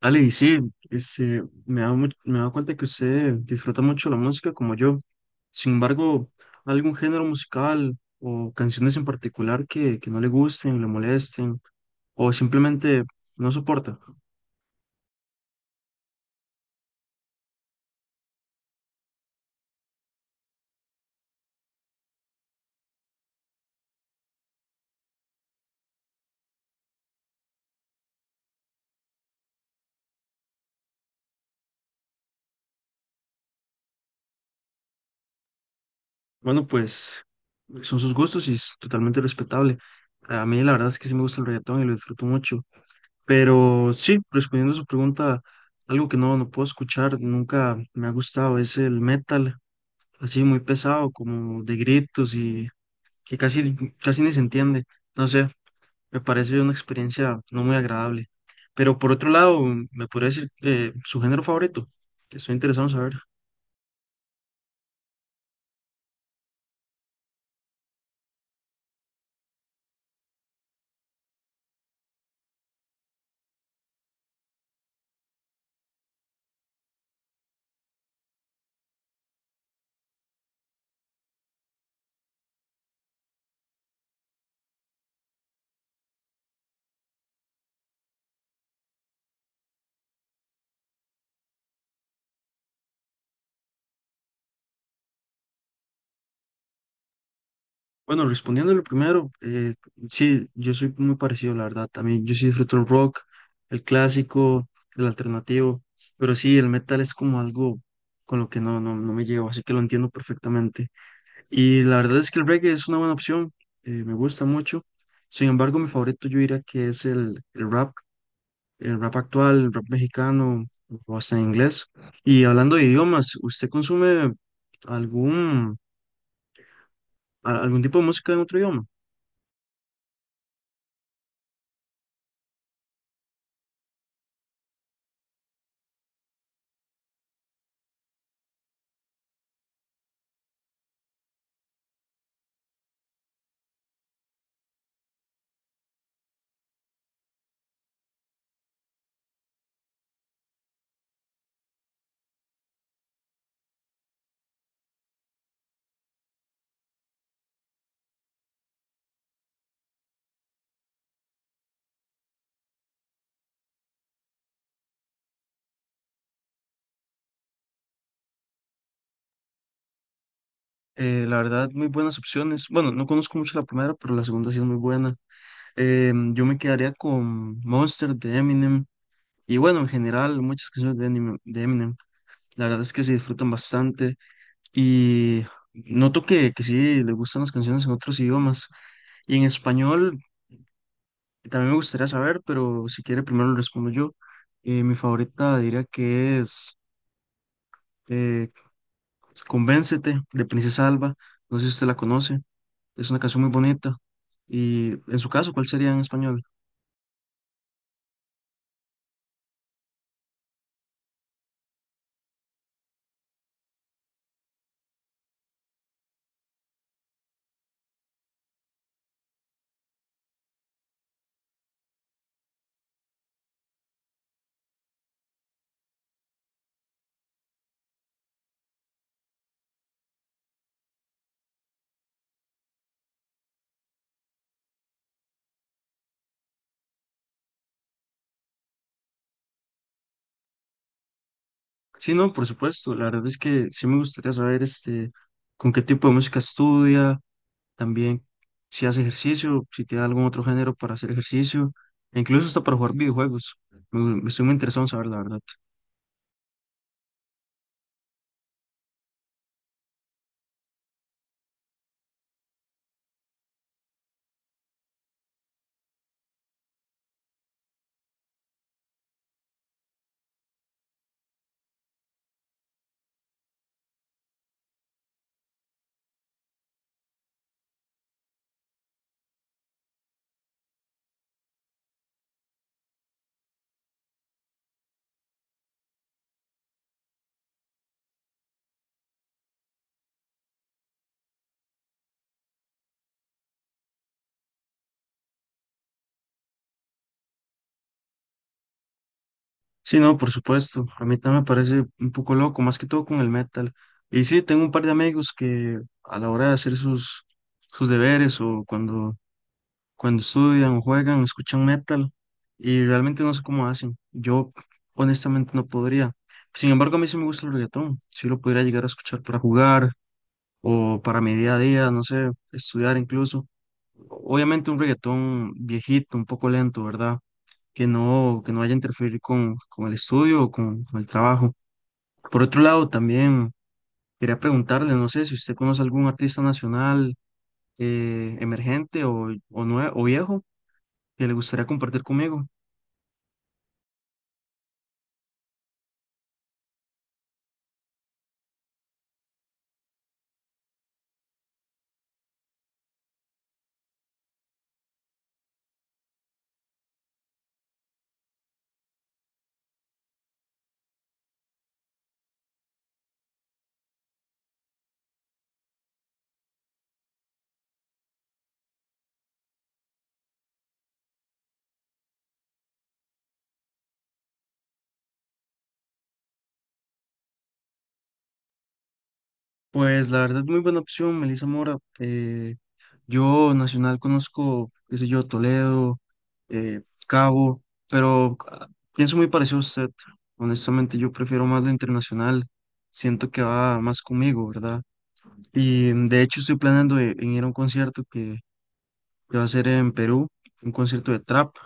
Ale, y sí, me he dado, me he dado cuenta que usted disfruta mucho la música como yo. Sin embargo, ¿algún género musical o canciones en particular que no le gusten, le molesten o simplemente no soporta? Bueno, pues son sus gustos y es totalmente respetable. A mí la verdad es que sí me gusta el reggaetón y lo disfruto mucho. Pero sí, respondiendo a su pregunta, algo que no puedo escuchar, nunca me ha gustado, es el metal, así muy pesado, como de gritos y que casi ni se entiende. No sé, me parece una experiencia no muy agradable. Pero por otro lado, ¿me podría decir su género favorito? Que estoy interesado en saber. Bueno, respondiendo lo primero, sí, yo soy muy parecido, la verdad. También yo sí disfruto el rock, el clásico, el alternativo, pero sí, el metal es como algo con lo que no me llevo, así que lo entiendo perfectamente. Y la verdad es que el reggae es una buena opción, me gusta mucho. Sin embargo, mi favorito yo diría que es el rap. El rap actual, el rap mexicano o hasta en inglés. Y hablando de idiomas, ¿usted consume algún, algún tipo de música en otro idioma? La verdad, muy buenas opciones. Bueno, no conozco mucho la primera, pero la segunda sí es muy buena. Yo me quedaría con Monster de Eminem. Y bueno, en general, muchas canciones de Eminem, La verdad es que se disfrutan bastante. Y noto que sí le gustan las canciones en otros idiomas. Y en español. También me gustaría saber, pero si quiere primero lo respondo yo. Mi favorita diría que es eh, Convéncete de Princesa Alba. No sé si usted la conoce. Es una canción muy bonita. Y en su caso, ¿cuál sería en español? Sí, no, por supuesto. La verdad es que sí me gustaría saber con qué tipo de música estudia, también si hace ejercicio, si tiene algún otro género para hacer ejercicio, e incluso hasta para jugar videojuegos. Me estoy muy interesado en saber, la verdad. Sí, no, por supuesto. A mí también me parece un poco loco, más que todo con el metal. Y sí, tengo un par de amigos que a la hora de hacer sus deberes o cuando estudian o juegan, escuchan metal y realmente no sé cómo hacen. Yo honestamente no podría. Sin embargo, a mí sí me gusta el reggaetón. Sí lo podría llegar a escuchar para jugar o para mi día a día, no sé, estudiar incluso. Obviamente un reggaetón viejito, un poco lento, ¿verdad? Que no vaya a interferir con el estudio o con el trabajo. Por otro lado, también quería preguntarle, no sé si usted conoce algún artista nacional emergente o viejo que le gustaría compartir conmigo. Pues la verdad, muy buena opción, Melissa Mora. Yo nacional conozco, qué sé yo, Toledo, eh, Cabo, pero pienso muy parecido a usted. Honestamente, yo prefiero más lo internacional. Siento que va más conmigo, ¿verdad? Y de hecho estoy planeando en ir a un concierto que va a ser en Perú, un concierto de trap.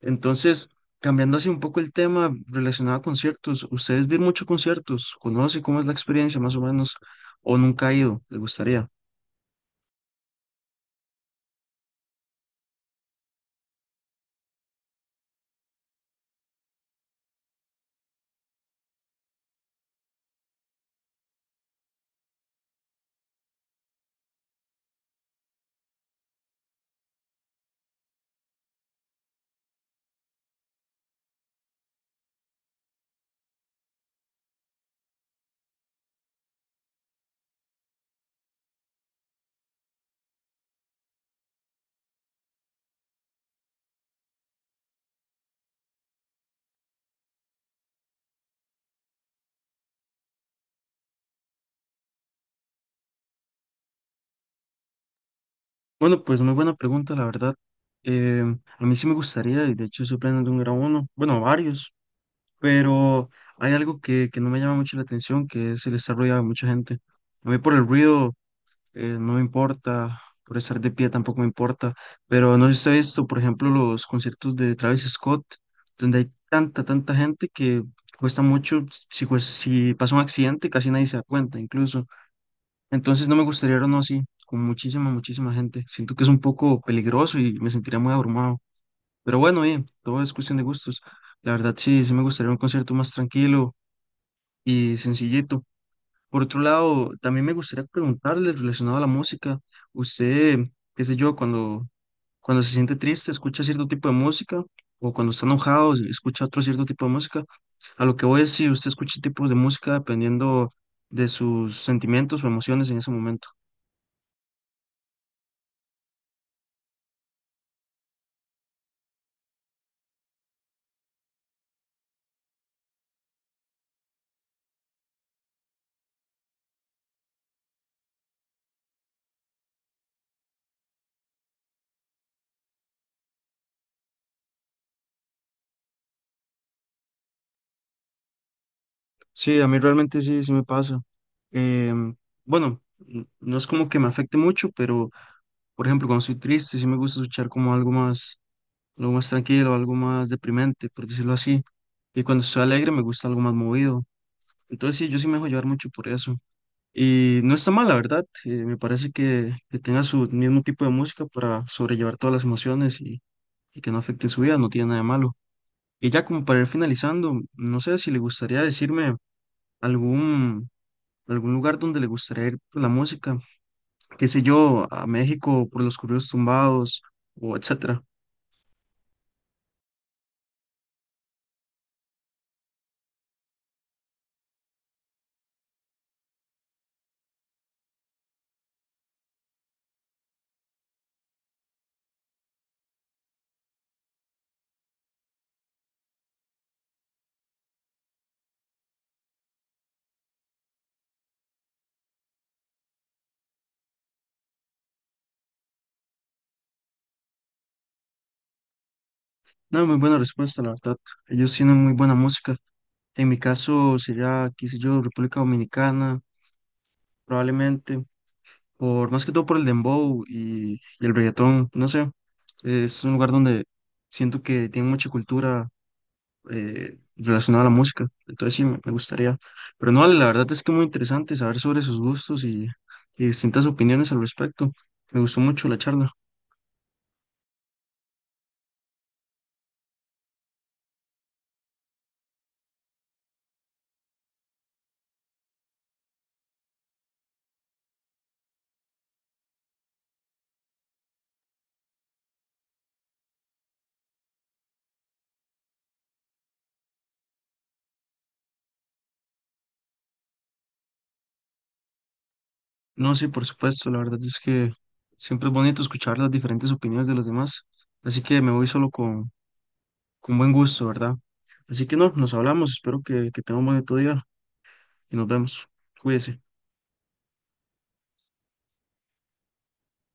Entonces, cambiando así un poco el tema relacionado a conciertos, ¿ustedes de ir mucho a conciertos? ¿Conoce cómo es la experiencia más o menos? ¿O nunca ha ido? ¿Le gustaría? Bueno, pues muy buena pregunta, la verdad. A mí sí me gustaría, y de hecho estoy planeando un gran uno, bueno, varios, pero hay algo que no me llama mucho la atención, que es el estar rodeado de mucha gente. A mí por el ruido no me importa, por estar de pie tampoco me importa, pero no sé si sabes esto, por ejemplo, los conciertos de Travis Scott, donde hay tanta, tanta gente que cuesta mucho, si, pues, si pasa un accidente casi nadie se da cuenta incluso, entonces no me gustaría ir uno así, con muchísima, muchísima gente, siento que es un poco peligroso y me sentiría muy abrumado, pero bueno, bien, todo es cuestión de gustos, la verdad sí, sí me gustaría un concierto más tranquilo y sencillito. Por otro lado, también me gustaría preguntarle relacionado a la música, usted, qué sé yo, cuando se siente triste, escucha cierto tipo de música, o cuando está enojado, escucha otro cierto tipo de música. A lo que voy es si usted escucha tipos de música dependiendo de sus sentimientos o emociones en ese momento. Sí, a mí realmente sí, sí me pasa. Em, bueno, no es como que me afecte mucho, pero por ejemplo, cuando estoy triste, sí me gusta escuchar como algo más, algo más tranquilo, algo más deprimente, por decirlo así. Y cuando estoy alegre me gusta algo más movido. Entonces sí, yo sí me dejo llevar mucho por eso. Y no está mal, la verdad. Me parece que tenga su mismo tipo de música para sobrellevar todas las emociones y que no afecte su vida, no tiene nada de malo. Y ya como para ir finalizando, no sé si le gustaría decirme algún, algún lugar donde le gustaría ir por la música, qué sé yo, a México por los corridos tumbados o etcétera. No, muy buena respuesta, la verdad. Ellos tienen muy buena música. En mi caso sería, qué sé yo, República Dominicana, probablemente, por más que todo por el dembow y el reggaetón, no sé, es un lugar donde siento que tiene mucha cultura relacionada a la música, entonces sí, me gustaría. Pero no, la verdad es que muy interesante saber sobre sus gustos y distintas opiniones al respecto. Me gustó mucho la charla. No, sí, por supuesto, la verdad es que siempre es bonito escuchar las diferentes opiniones de los demás, así que me voy solo con buen gusto, ¿verdad? Así que no, nos hablamos, espero que tenga un bonito día y nos vemos. Cuídese.